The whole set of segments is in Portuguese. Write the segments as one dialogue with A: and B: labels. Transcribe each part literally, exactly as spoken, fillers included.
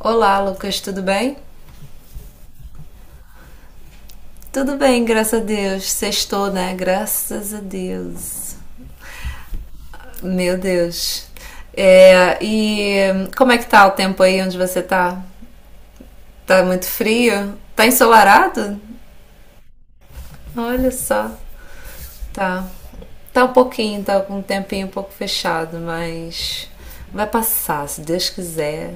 A: Olá, Lucas, tudo bem? Tudo bem, graças a Deus. Sextou, né? Graças a Deus. Meu Deus. É, e como é que tá o tempo aí onde você tá? Tá muito frio? Tá ensolarado? Olha só. Tá. Tá um pouquinho, tá com um tempinho um pouco fechado, mas vai passar, se Deus quiser.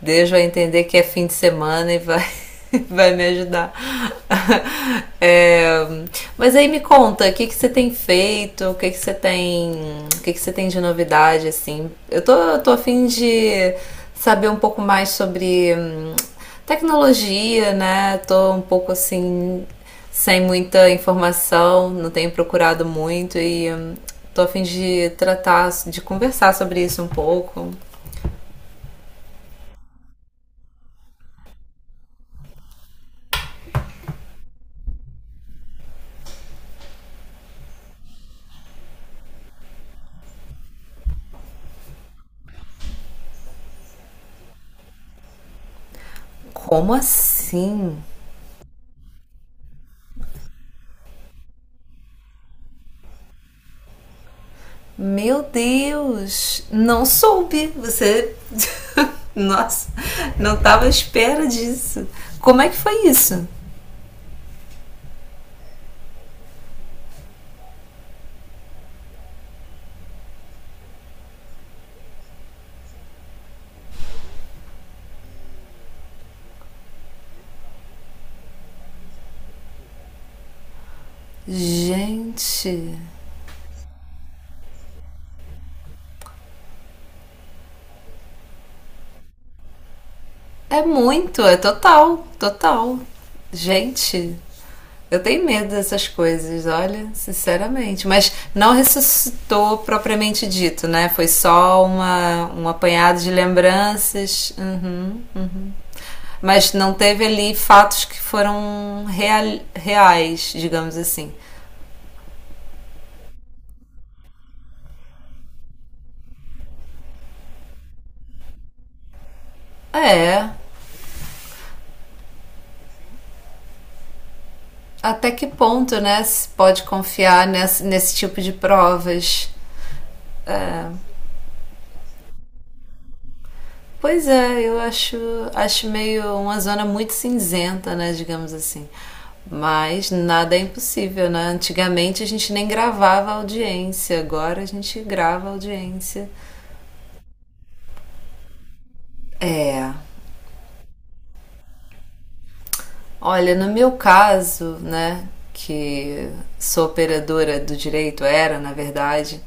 A: Deus vai entender que é fim de semana e vai, vai me ajudar. É, mas aí me conta, o que que você tem feito? O que que você tem, o que que você tem de novidade assim? Eu tô, eu tô a fim de saber um pouco mais sobre hum, tecnologia, né? Tô um pouco assim sem muita informação, não tenho procurado muito e hum, tô a fim de tratar, de conversar sobre isso um pouco. Como assim? Meu Deus, não soube. Você. Nossa, não tava à espera disso. Como é que foi isso? Gente, é muito, é total, total. Gente, eu tenho medo dessas coisas, olha, sinceramente. Mas não ressuscitou propriamente dito, né? Foi só uma, um apanhado de lembranças. Uhum, uhum. Mas não teve ali fatos que foram real, reais, digamos assim. É, até que ponto, né? Se pode confiar nesse, nesse tipo de provas? Pois é, eu acho, acho meio uma zona muito cinzenta, né, digamos assim. Mas nada é impossível, né? Antigamente a gente nem gravava audiência, agora a gente grava audiência. É. Olha, no meu caso, né, que sou operadora do direito, era na verdade,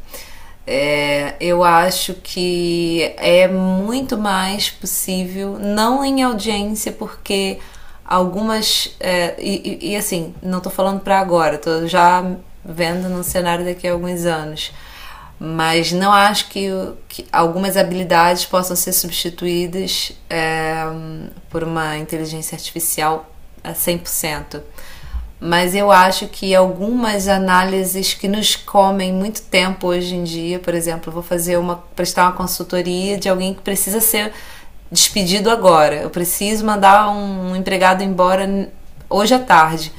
A: é, eu acho que é muito mais possível, não em audiência, porque algumas. É, e, e- e, assim, não estou falando para agora, estou já vendo no cenário daqui a alguns anos, mas não acho que, que algumas habilidades possam ser substituídas, é, por uma inteligência artificial a cem por cento. Mas eu acho que algumas análises que nos comem muito tempo hoje em dia. Por exemplo, eu vou fazer uma prestar uma consultoria de alguém que precisa ser despedido agora. Eu preciso mandar um um empregado embora hoje à tarde.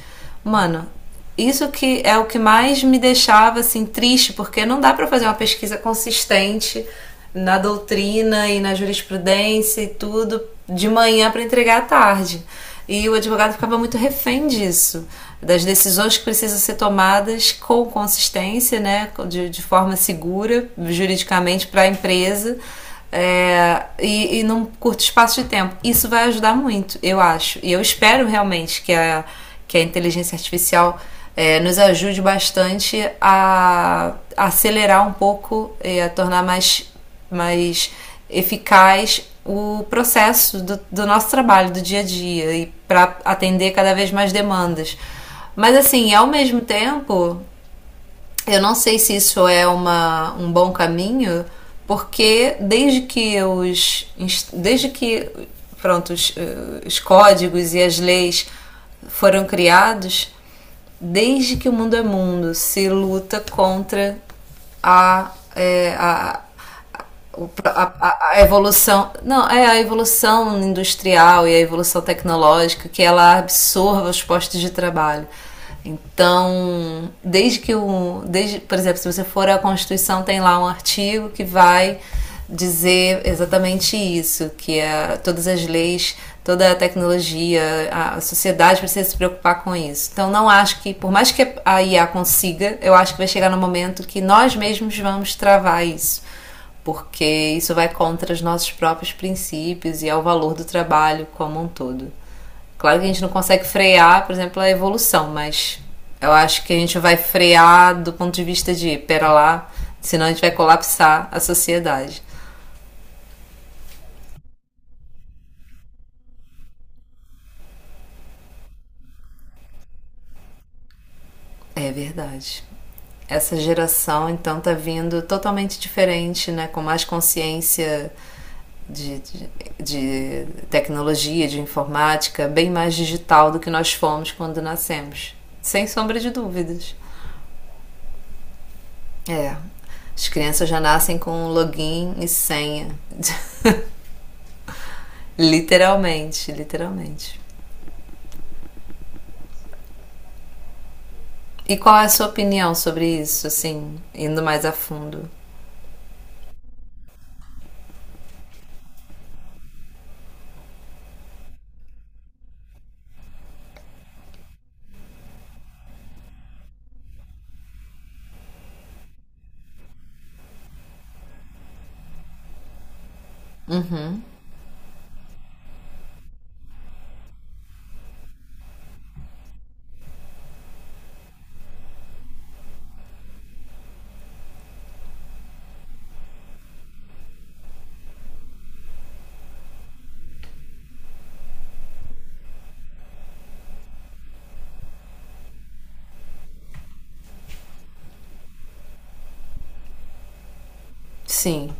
A: Mano, isso que é o que mais me deixava assim triste, porque não dá para fazer uma pesquisa consistente na doutrina e na jurisprudência e tudo de manhã para entregar à tarde. E o advogado ficava muito refém disso, das decisões que precisam ser tomadas com consistência, né, de, de forma segura juridicamente para a empresa, é, e, e num curto espaço de tempo. Isso vai ajudar muito, eu acho. E eu espero realmente que a, que a inteligência artificial, é, nos ajude bastante a, a acelerar um pouco e a tornar mais, mais eficaz o processo do, do nosso trabalho, do dia a dia, e para atender cada vez mais demandas. Mas assim, ao mesmo tempo, eu não sei se isso é uma, um bom caminho, porque desde que os desde que pronto, os, eh, os códigos e as leis foram criados, desde que o mundo é mundo, se luta contra a, eh, a, o, a, a evolução, não, é a evolução industrial e a evolução tecnológica que ela absorva os postos de trabalho. Então, desde que o, desde, por exemplo, se você for à Constituição, tem lá um artigo que vai dizer exatamente isso, que é, todas as leis, toda a tecnologia, a sociedade precisa se preocupar com isso. Então, não acho que, por mais que a I A consiga, eu acho que vai chegar no momento que nós mesmos vamos travar isso, porque isso vai contra os nossos próprios princípios e ao valor do trabalho como um todo. Claro que a gente não consegue frear, por exemplo, a evolução, mas eu acho que a gente vai frear do ponto de vista de pera lá, senão a gente vai colapsar a sociedade. É verdade. Essa geração então tá vindo totalmente diferente, né, com mais consciência de, de, de tecnologia, de informática, bem mais digital do que nós fomos quando nascemos. Sem sombra de dúvidas. É. As crianças já nascem com um login e senha. Literalmente, literalmente. E qual é a sua opinião sobre isso, assim, indo mais a fundo? Sim,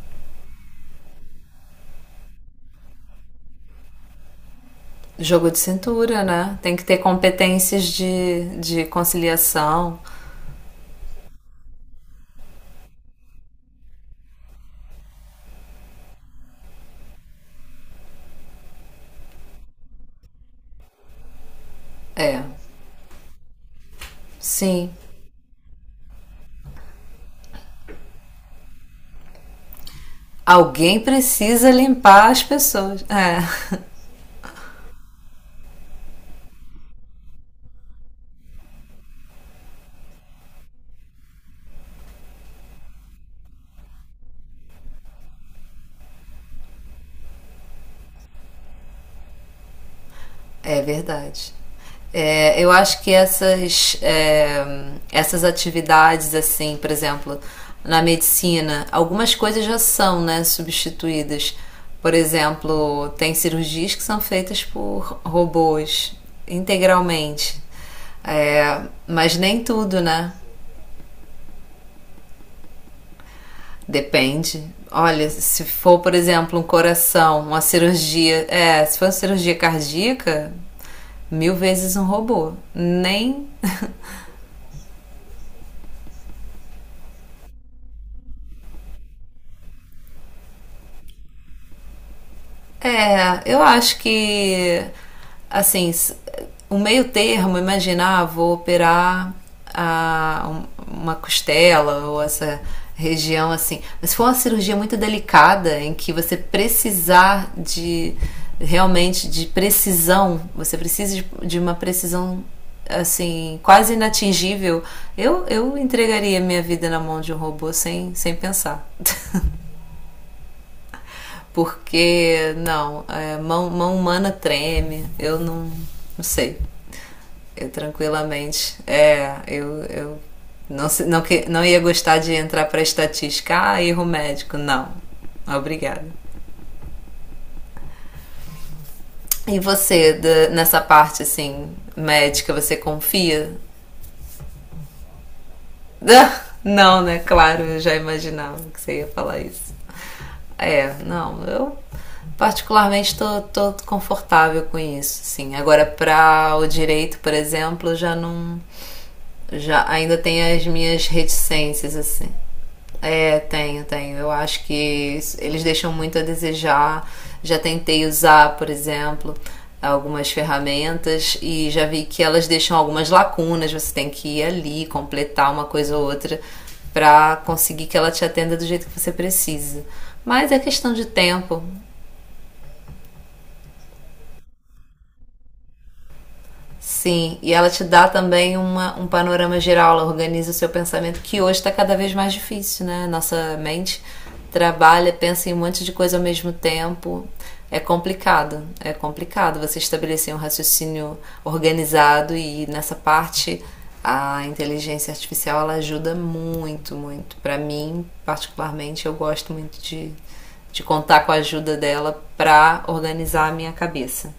A: jogo de cintura, né? Tem que ter competências de, de conciliação. É, sim. Alguém precisa limpar as pessoas. É. É verdade. É, eu acho que essas, é, essas atividades, assim, por exemplo, na medicina, algumas coisas já são, né, substituídas. Por exemplo, tem cirurgias que são feitas por robôs integralmente. É, mas nem tudo, né? Depende. Olha, se for, por exemplo, um coração, uma cirurgia, é, se for uma cirurgia cardíaca, mil vezes um robô. Nem é, eu acho que, assim, s- o meio termo, imaginar, vou operar a, um- uma costela ou essa região assim. Mas se for uma cirurgia muito delicada, em que você precisar de, realmente, de precisão, você precisa de, de uma precisão, assim, quase inatingível, eu, eu entregaria minha vida na mão de um robô sem, sem pensar. Porque, não, é, mão, mão humana treme, eu não, não sei. Eu tranquilamente, é, eu, eu não, não, não ia gostar de entrar para estatística, ah, erro médico, não. Obrigada. E você, da- nessa parte assim, médica, você confia? Não, né? Claro, eu já imaginava que você ia falar isso. É, não, eu particularmente tô, tô confortável com isso, sim. Agora, para o direito, por exemplo, já não. Já Ainda tem as minhas reticências, assim. É, tenho, tenho. Eu acho que s- eles deixam muito a desejar. Já tentei usar, por exemplo, algumas ferramentas e já vi que elas deixam algumas lacunas. Você tem que ir ali, completar uma coisa ou outra para conseguir que ela te atenda do jeito que você precisa. Mas é questão de tempo. Sim, e ela te dá também uma, um panorama geral, ela organiza o seu pensamento, que hoje está cada vez mais difícil, né? Nossa mente trabalha, pensa em um monte de coisa ao mesmo tempo. É complicado, é complicado você estabelecer um raciocínio organizado, e nessa parte a inteligência artificial ela ajuda muito, muito. Para mim, particularmente, eu gosto muito de, de contar com a ajuda dela para organizar a minha cabeça.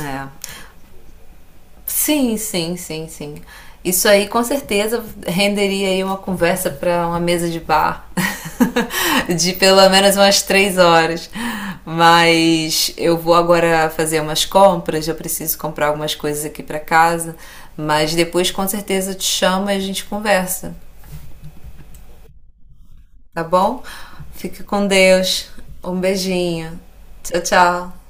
A: É. Sim, sim, sim, sim. Isso aí com certeza renderia aí uma conversa para uma mesa de bar de pelo menos umas três horas. Mas eu vou agora fazer umas compras, eu preciso comprar algumas coisas aqui para casa, mas depois com certeza eu te chamo e a gente conversa, tá bom? Fica com Deus. Um beijinho. Tchau, tchau.